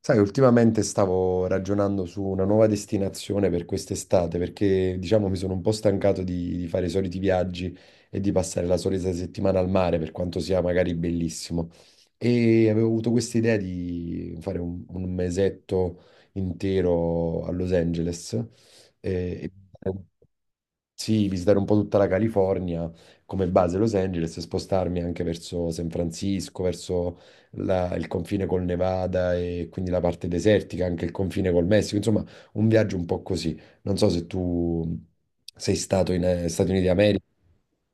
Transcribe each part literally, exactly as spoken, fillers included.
Sai, ultimamente stavo ragionando su una nuova destinazione per quest'estate perché, diciamo, mi sono un po' stancato di, di fare i soliti viaggi e di passare la solita settimana al mare, per quanto sia magari bellissimo. E avevo avuto questa idea di fare un, un mesetto intero a Los Angeles. Mm. E sì, visitare un po' tutta la California come base Los Angeles e spostarmi anche verso San Francisco, verso la- il confine col Nevada e quindi la parte desertica, anche il confine col Messico, insomma, un viaggio un po' così. Non so se tu sei stato in eh, Stati Uniti d'America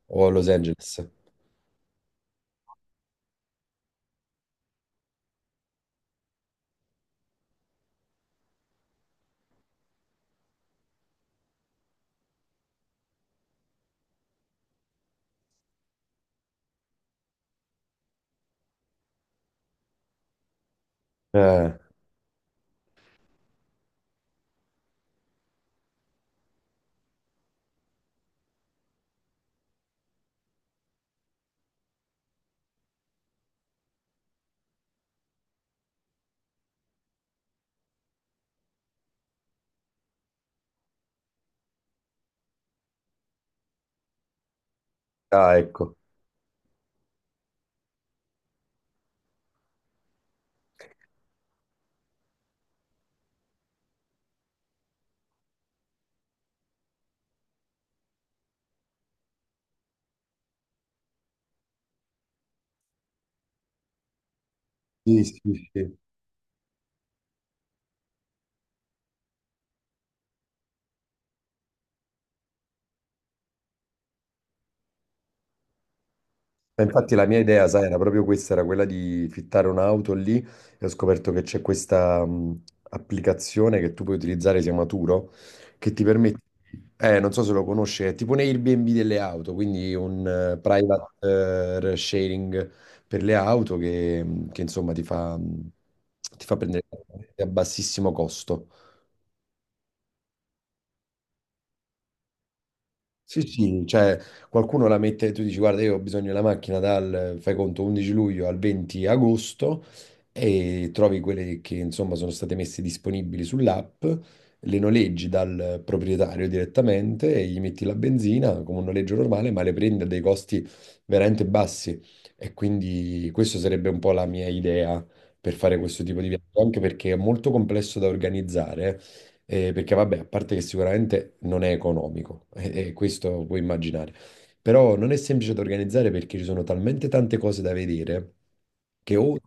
o a Los Angeles. Eh, ah, ecco. Sì, sì, sì. Ma infatti la mia idea, sai, era proprio questa, era quella di fittare un'auto lì e ho scoperto che c'è questa mh, applicazione che tu puoi utilizzare, si chiama Turo, che ti permette, eh, non so se lo conosci, è tipo un Airbnb delle auto, quindi un eh, private eh, sharing per le auto che, mhmm, che, insomma ti fa, mhmm, ti fa prendere a bassissimo costo. Sì, sì, cioè qualcuno la mette, tu dici guarda io ho bisogno della macchina dal, fai conto, undici luglio al venti agosto e trovi quelle che insomma sono state messe disponibili sull'app, le noleggi dal proprietario direttamente e gli metti la benzina come un noleggio normale, ma le prendi a dei costi veramente bassi, e quindi questa sarebbe un po' la mia idea per fare questo tipo di viaggio, anche perché è molto complesso da organizzare, eh, perché vabbè, a parte che sicuramente non è economico, e, e questo puoi immaginare, però non è semplice da organizzare perché ci sono talmente tante cose da vedere che o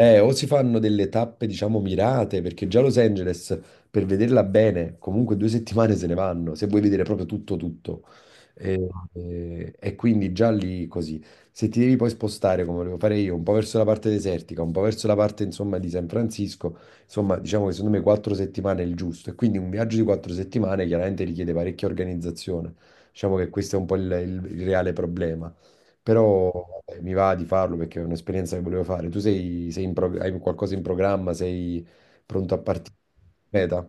eh, o si fanno delle tappe, diciamo, mirate, perché già Los Angeles, per vederla bene, comunque due settimane se ne vanno, se vuoi vedere proprio tutto, tutto. E, e- e quindi già lì così. Se ti devi poi spostare, come volevo fare io, un po' verso la parte desertica, un po' verso la parte, insomma, di San Francisco, insomma, diciamo che secondo me quattro settimane è il giusto. E quindi un viaggio di quattro settimane chiaramente richiede parecchia organizzazione. Diciamo che questo è un po' il il- il reale problema. Però vabbè, mi va di farlo perché è un'esperienza che volevo fare. Tu sei, sei in prog- hai qualcosa in programma, sei pronto a partire? Meta.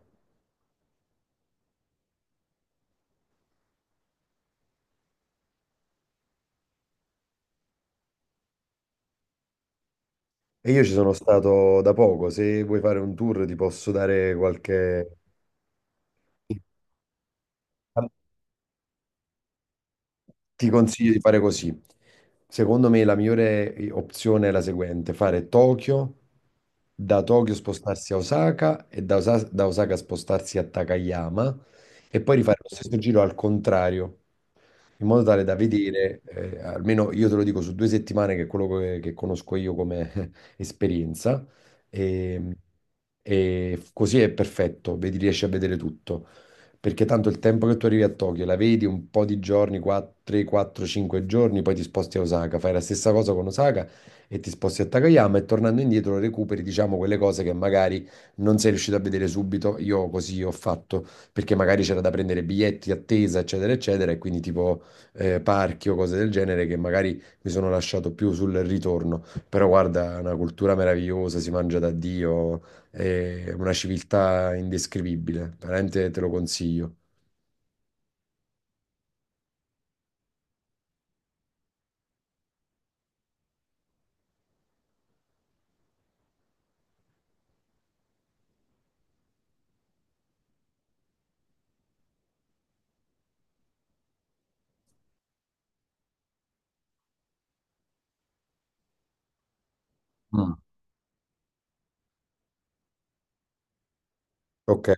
E io ci sono stato da poco, se vuoi fare un tour ti posso dare qualche... Ti consiglio di fare così. Secondo me la migliore opzione è la seguente, fare Tokyo, da Tokyo spostarsi a Osaka e da Osa- da Osaka, spostarsi a Takayama e poi rifare lo stesso giro al contrario, in modo tale da vedere, eh, almeno io te lo dico su due settimane, che è quello che, che conosco io come esperienza, e, e così è perfetto, vedi, riesci a vedere tutto perché tanto il tempo che tu arrivi a Tokyo la vedi un po' di giorni, tre, quattro, cinque giorni, poi ti sposti a Osaka, fai la stessa cosa con Osaka e ti sposti a Takayama e tornando indietro recuperi, diciamo, quelle cose che magari non sei riuscito a vedere subito. Io così ho fatto, perché magari c'era da prendere biglietti, attesa, eccetera, eccetera, e quindi tipo eh, parchi o cose del genere che magari mi sono lasciato più sul ritorno. Però guarda, è una cultura meravigliosa, si mangia da Dio, è una civiltà indescrivibile, veramente te lo consiglio. Mm. Ok,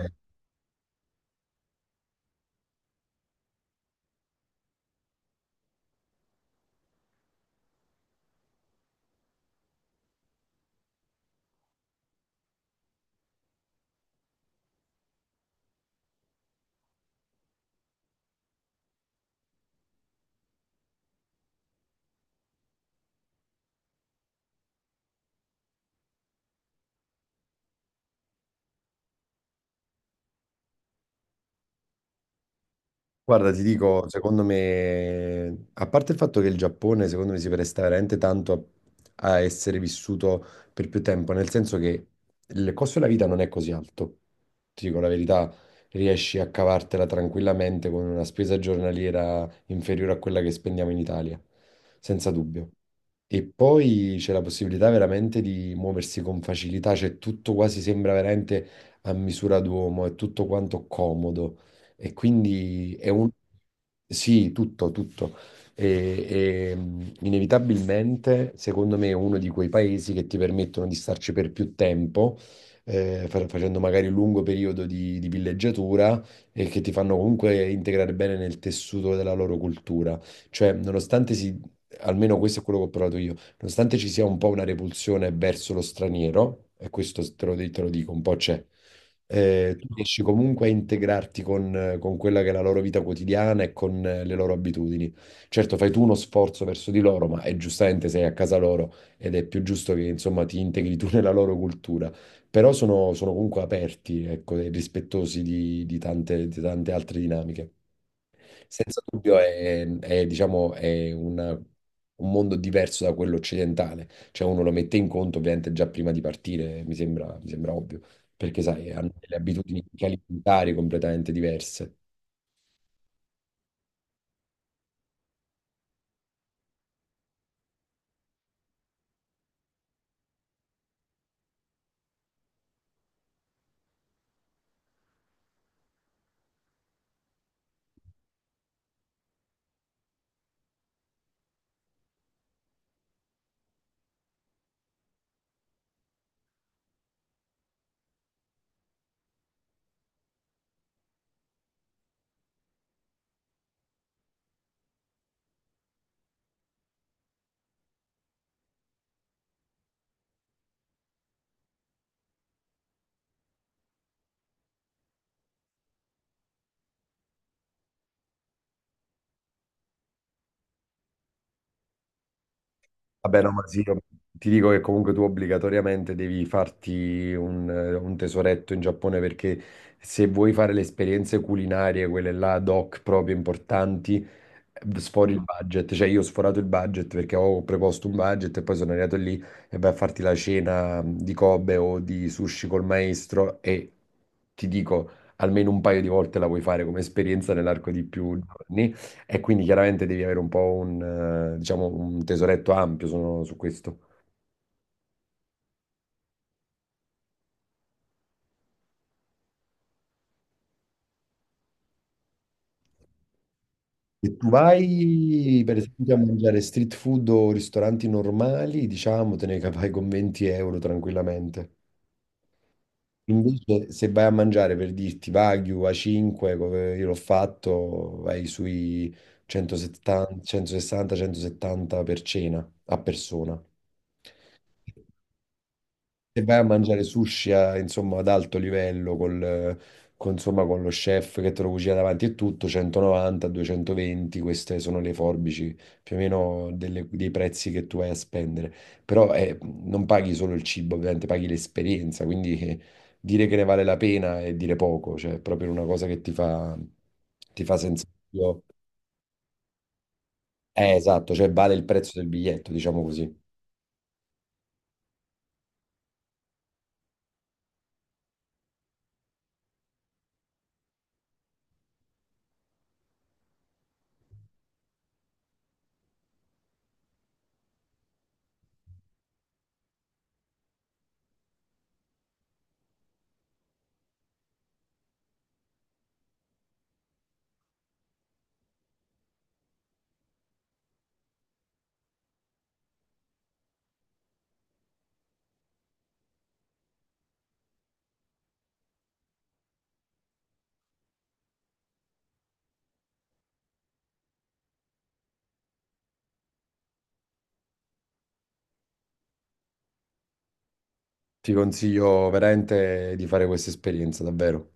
guarda, ti dico, secondo me, a parte il fatto che il Giappone, secondo me, si presta veramente tanto a, a essere vissuto per più tempo, nel senso che il costo della vita non è così alto. Ti dico la verità, riesci a cavartela tranquillamente con una spesa giornaliera inferiore a quella che spendiamo in Italia, senza dubbio. E poi c'è la possibilità veramente di muoversi con facilità, cioè tutto quasi sembra veramente a misura d'uomo, è tutto quanto comodo. E quindi è un... Sì, tutto, tutto. E- e, mh, Inevitabilmente, secondo me, è uno di quei paesi che ti permettono di starci per più tempo, eh, fa- facendo magari un lungo periodo di, di villeggiatura e che ti fanno comunque integrare bene nel tessuto della loro cultura. Cioè, nonostante si, almeno questo è quello che ho provato io, nonostante ci sia un po' una repulsione verso lo straniero, e questo te lo, te lo dico, un po' c'è, eh, tu riesci comunque a integrarti con, con quella che è la loro vita quotidiana e con eh, le loro abitudini. Certo, fai tu uno sforzo verso di loro, ma è giustamente sei a casa loro ed è più giusto che insomma ti integri tu nella loro cultura. Però sono, sono comunque aperti, ecco, e rispettosi di, di tante, di tante altre dinamiche. Senza dubbio è, è, diciamo, è un un mondo diverso da quello occidentale. Cioè uno lo mette in conto ovviamente già prima di partire, mi sembra, mi sembra ovvio, perché sai, hanno delle abitudini anche alimentari completamente diverse. Vabbè, no, ma sì, io ti dico che comunque tu obbligatoriamente devi farti un, eh, un tesoretto in Giappone, perché se vuoi fare le esperienze culinarie, quelle là ad hoc proprio importanti, eh, sfori il budget. Cioè io ho sforato il budget perché ho preposto un budget e poi sono arrivato lì e vai a farti la cena di Kobe o di sushi col maestro e ti dico almeno un paio di volte la vuoi fare come esperienza nell'arco di più giorni. E quindi chiaramente devi avere un po' un, eh, diciamo, un tesoretto ampio sono- su questo. Se tu vai, per esempio, a mangiare street food o ristoranti normali, diciamo, te ne capai con venti euro tranquillamente. Invece, se vai a mangiare per dirti Wagyu A cinque, come io l'ho fatto, vai sui centosettanta, centosessanta centosettanta per cena a persona. Se vai a mangiare sushi a- insomma, ad alto livello col, con, insomma, con lo chef che te lo cucina davanti e tutto, centonovanta duecentoventi, queste sono le forbici più o meno delle- dei prezzi che tu vai a spendere. Però eh, non paghi solo il cibo, ovviamente paghi l'esperienza, quindi eh, dire che ne vale la pena è dire poco, cioè è proprio una cosa che ti fa, ti fa sensazione. Eh, esatto, cioè vale il prezzo del biglietto, diciamo così. Ti consiglio veramente di fare questa esperienza, davvero.